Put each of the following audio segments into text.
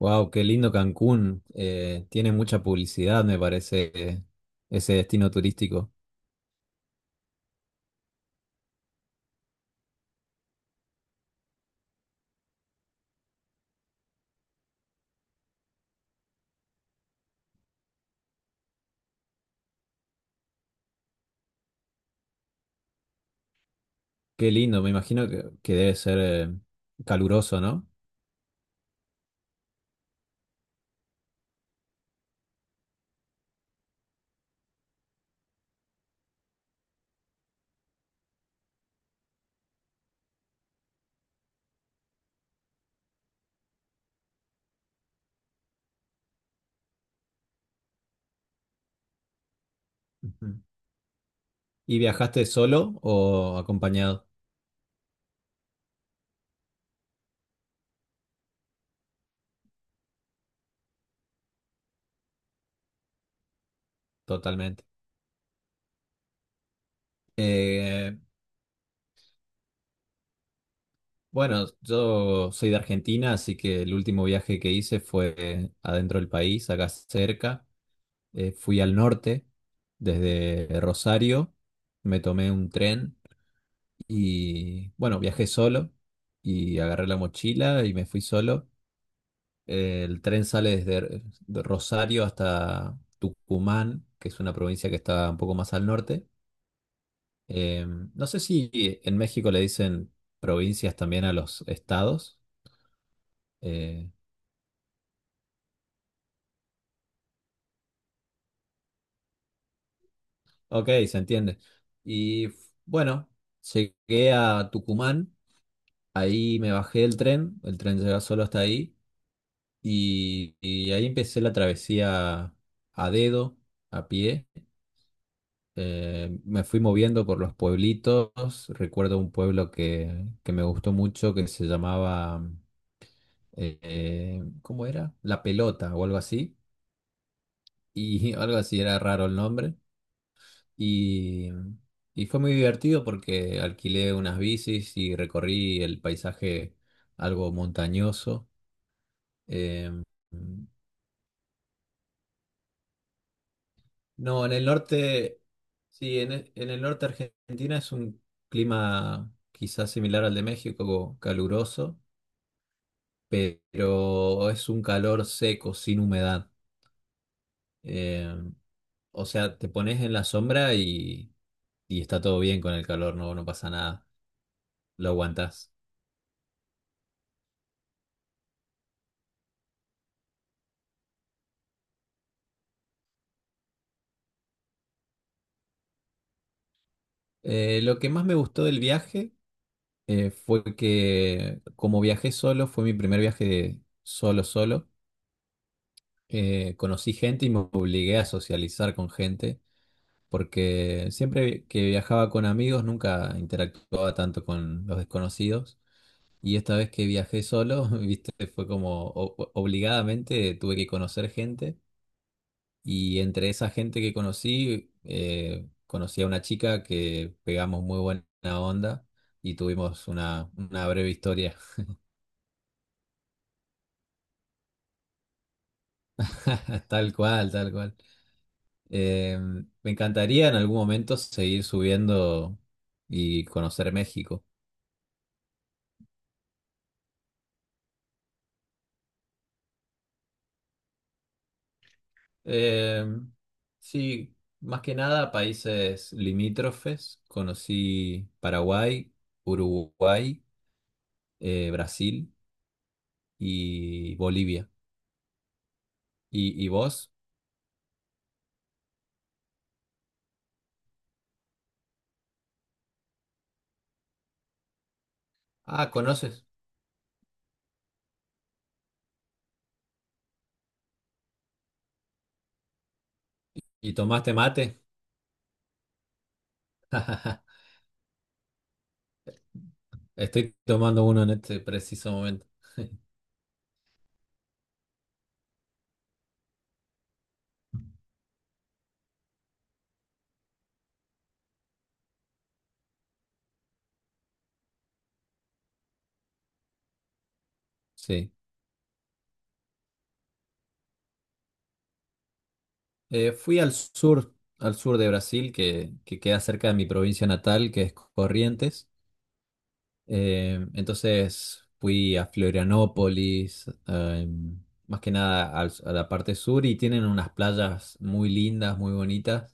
Wow, qué lindo Cancún. Tiene mucha publicidad, me parece. Ese destino turístico. Qué lindo, me imagino que debe ser caluroso, ¿no? Ujú. ¿Y viajaste solo o acompañado? Totalmente. Eh, bueno, yo soy de Argentina, así que el último viaje que hice fue adentro del país, acá cerca. Fui al norte, desde Rosario, me tomé un tren. Y bueno, viajé solo y agarré la mochila y me fui solo. El tren sale desde de Rosario hasta Tucumán, que es una provincia que está un poco más al norte. Eh, no sé si en México le dicen provincias también a los estados. Eh, ok, se entiende. Y f- bueno, llegué a Tucumán, ahí me bajé del tren, el tren llega solo hasta ahí. Y ahí empecé la travesía a dedo, a pie. Me fui moviendo por los pueblitos. Recuerdo un pueblo que me gustó mucho que se llamaba, ¿cómo era? La Pelota o algo así. Y algo así, era raro el nombre. Y, y fue muy divertido porque alquilé unas bicis y recorrí el paisaje algo montañoso. Em, No, en el norte, sí, en el norte de Argentina es un clima quizás similar al de México, caluroso, pero es un calor seco, sin humedad. Eh, o sea, te pones en la sombra y está todo bien con el calor, no, no pasa nada, lo aguantás. Lo que más me gustó del viaje fue que como viajé solo, fue mi primer viaje de solo, solo. Conocí gente y me obligué a socializar con gente, porque siempre que viajaba con amigos nunca interactuaba tanto con los desconocidos. Y esta vez que viajé solo, viste, fue como obligadamente tuve que conocer gente. Y entre esa gente que conocí, conocí a una chica que pegamos muy buena onda y tuvimos una breve historia. Tal cual, tal cual. Eh, Me encantaría en algún momento seguir subiendo y conocer México. Eh, sí, más que nada países limítrofes. Conocí Paraguay, Uruguay, Brasil y Bolivia. Y vos? Ah, ¿conoces? ¿Y tomaste mate? Estoy tomando uno en este preciso momento. Sí. Fui al sur de Brasil, que queda cerca de mi provincia natal, que es Corrientes. Entonces fui a Florianópolis, más que nada a la parte sur y tienen unas playas muy lindas, muy bonitas.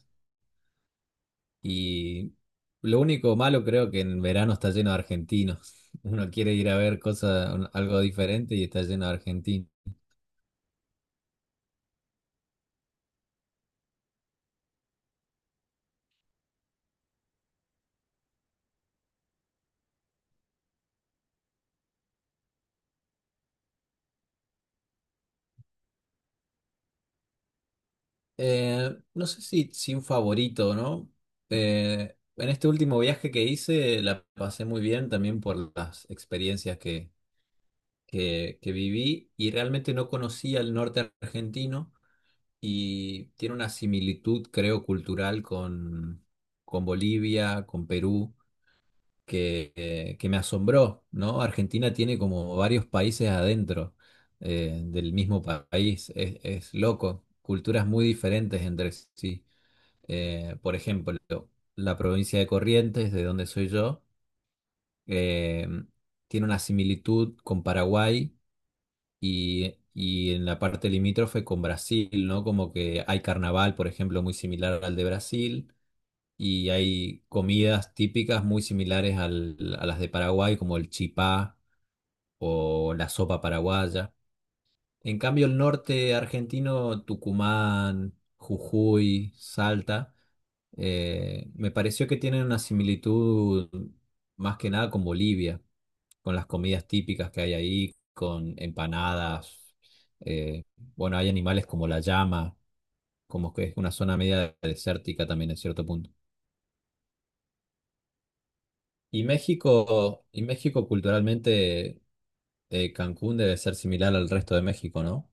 Y lo único malo creo que en verano está lleno de argentinos. Uno quiere ir a ver cosas, algo diferente y está lleno de argentinos. No sé si, si un favorito, ¿no? En este último viaje que hice la pasé muy bien también por las experiencias que viví y realmente no conocía el norte argentino y tiene una similitud, creo, cultural con Bolivia, con Perú, que me asombró, ¿no? Argentina tiene como varios países adentro del mismo país, es loco, culturas muy diferentes entre sí. Por ejemplo, la provincia de Corrientes, de donde soy yo, eh, tiene una similitud con Paraguay y en la parte limítrofe con Brasil, ¿no? Como que hay carnaval, por ejemplo, muy similar al de Brasil, y hay comidas típicas muy similares a las de Paraguay, como el chipá o la sopa paraguaya. En cambio, el norte argentino, Tucumán, Jujuy, Salta, me pareció que tienen una similitud más que nada con Bolivia, con las comidas típicas que hay ahí, con empanadas. eh, bueno, hay animales como la llama, como que es una zona media desértica también en cierto punto. Y México culturalmente, Cancún debe ser similar al resto de México, ¿no?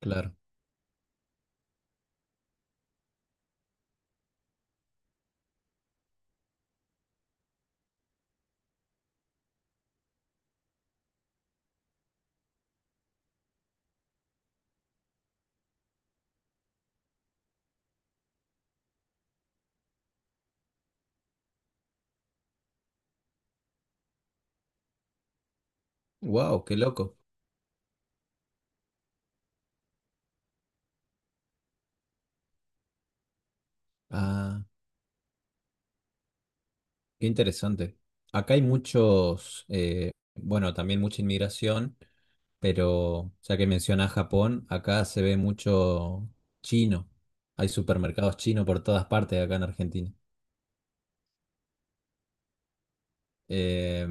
Claro. Wow, qué loco. Ah, qué interesante. Acá hay muchos, bueno, también mucha inmigración, pero ya que mencionas Japón, acá se ve mucho chino. Hay supermercados chinos por todas partes acá en Argentina. Eh,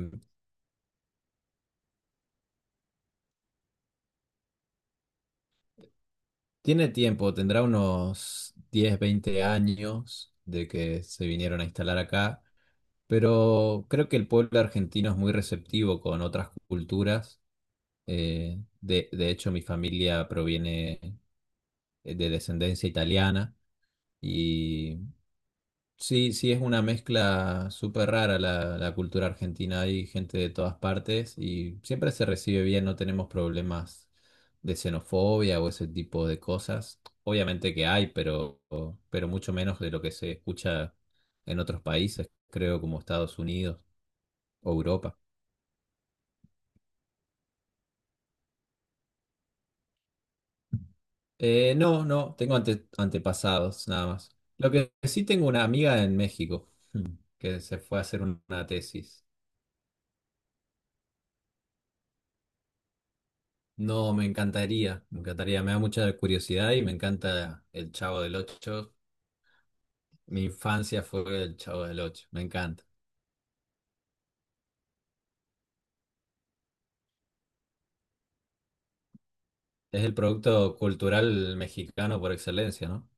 Tiene tiempo, tendrá unos 10, 20 años de que se vinieron a instalar acá, pero creo que el pueblo argentino es muy receptivo con otras culturas. De hecho, mi familia proviene de descendencia italiana y sí, sí, es una mezcla súper rara la cultura argentina. Hay gente de todas partes y siempre se recibe bien, no tenemos problemas de xenofobia o ese tipo de cosas. Obviamente que hay, pero mucho menos de lo que se escucha en otros países, creo, como Estados Unidos o Europa. No, tengo antepasados nada más. Lo que sí, tengo una amiga en México que se fue a hacer una tesis. No, me encantaría, me encantaría, me da mucha curiosidad y me encanta el Chavo del Ocho. Mi infancia fue el Chavo del Ocho, me encanta. Es el producto cultural mexicano por excelencia, ¿no?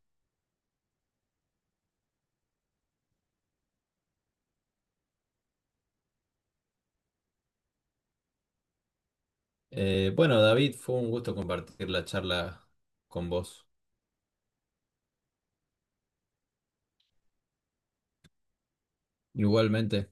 Bueno, David, fue un gusto compartir la charla con vos. Igualmente.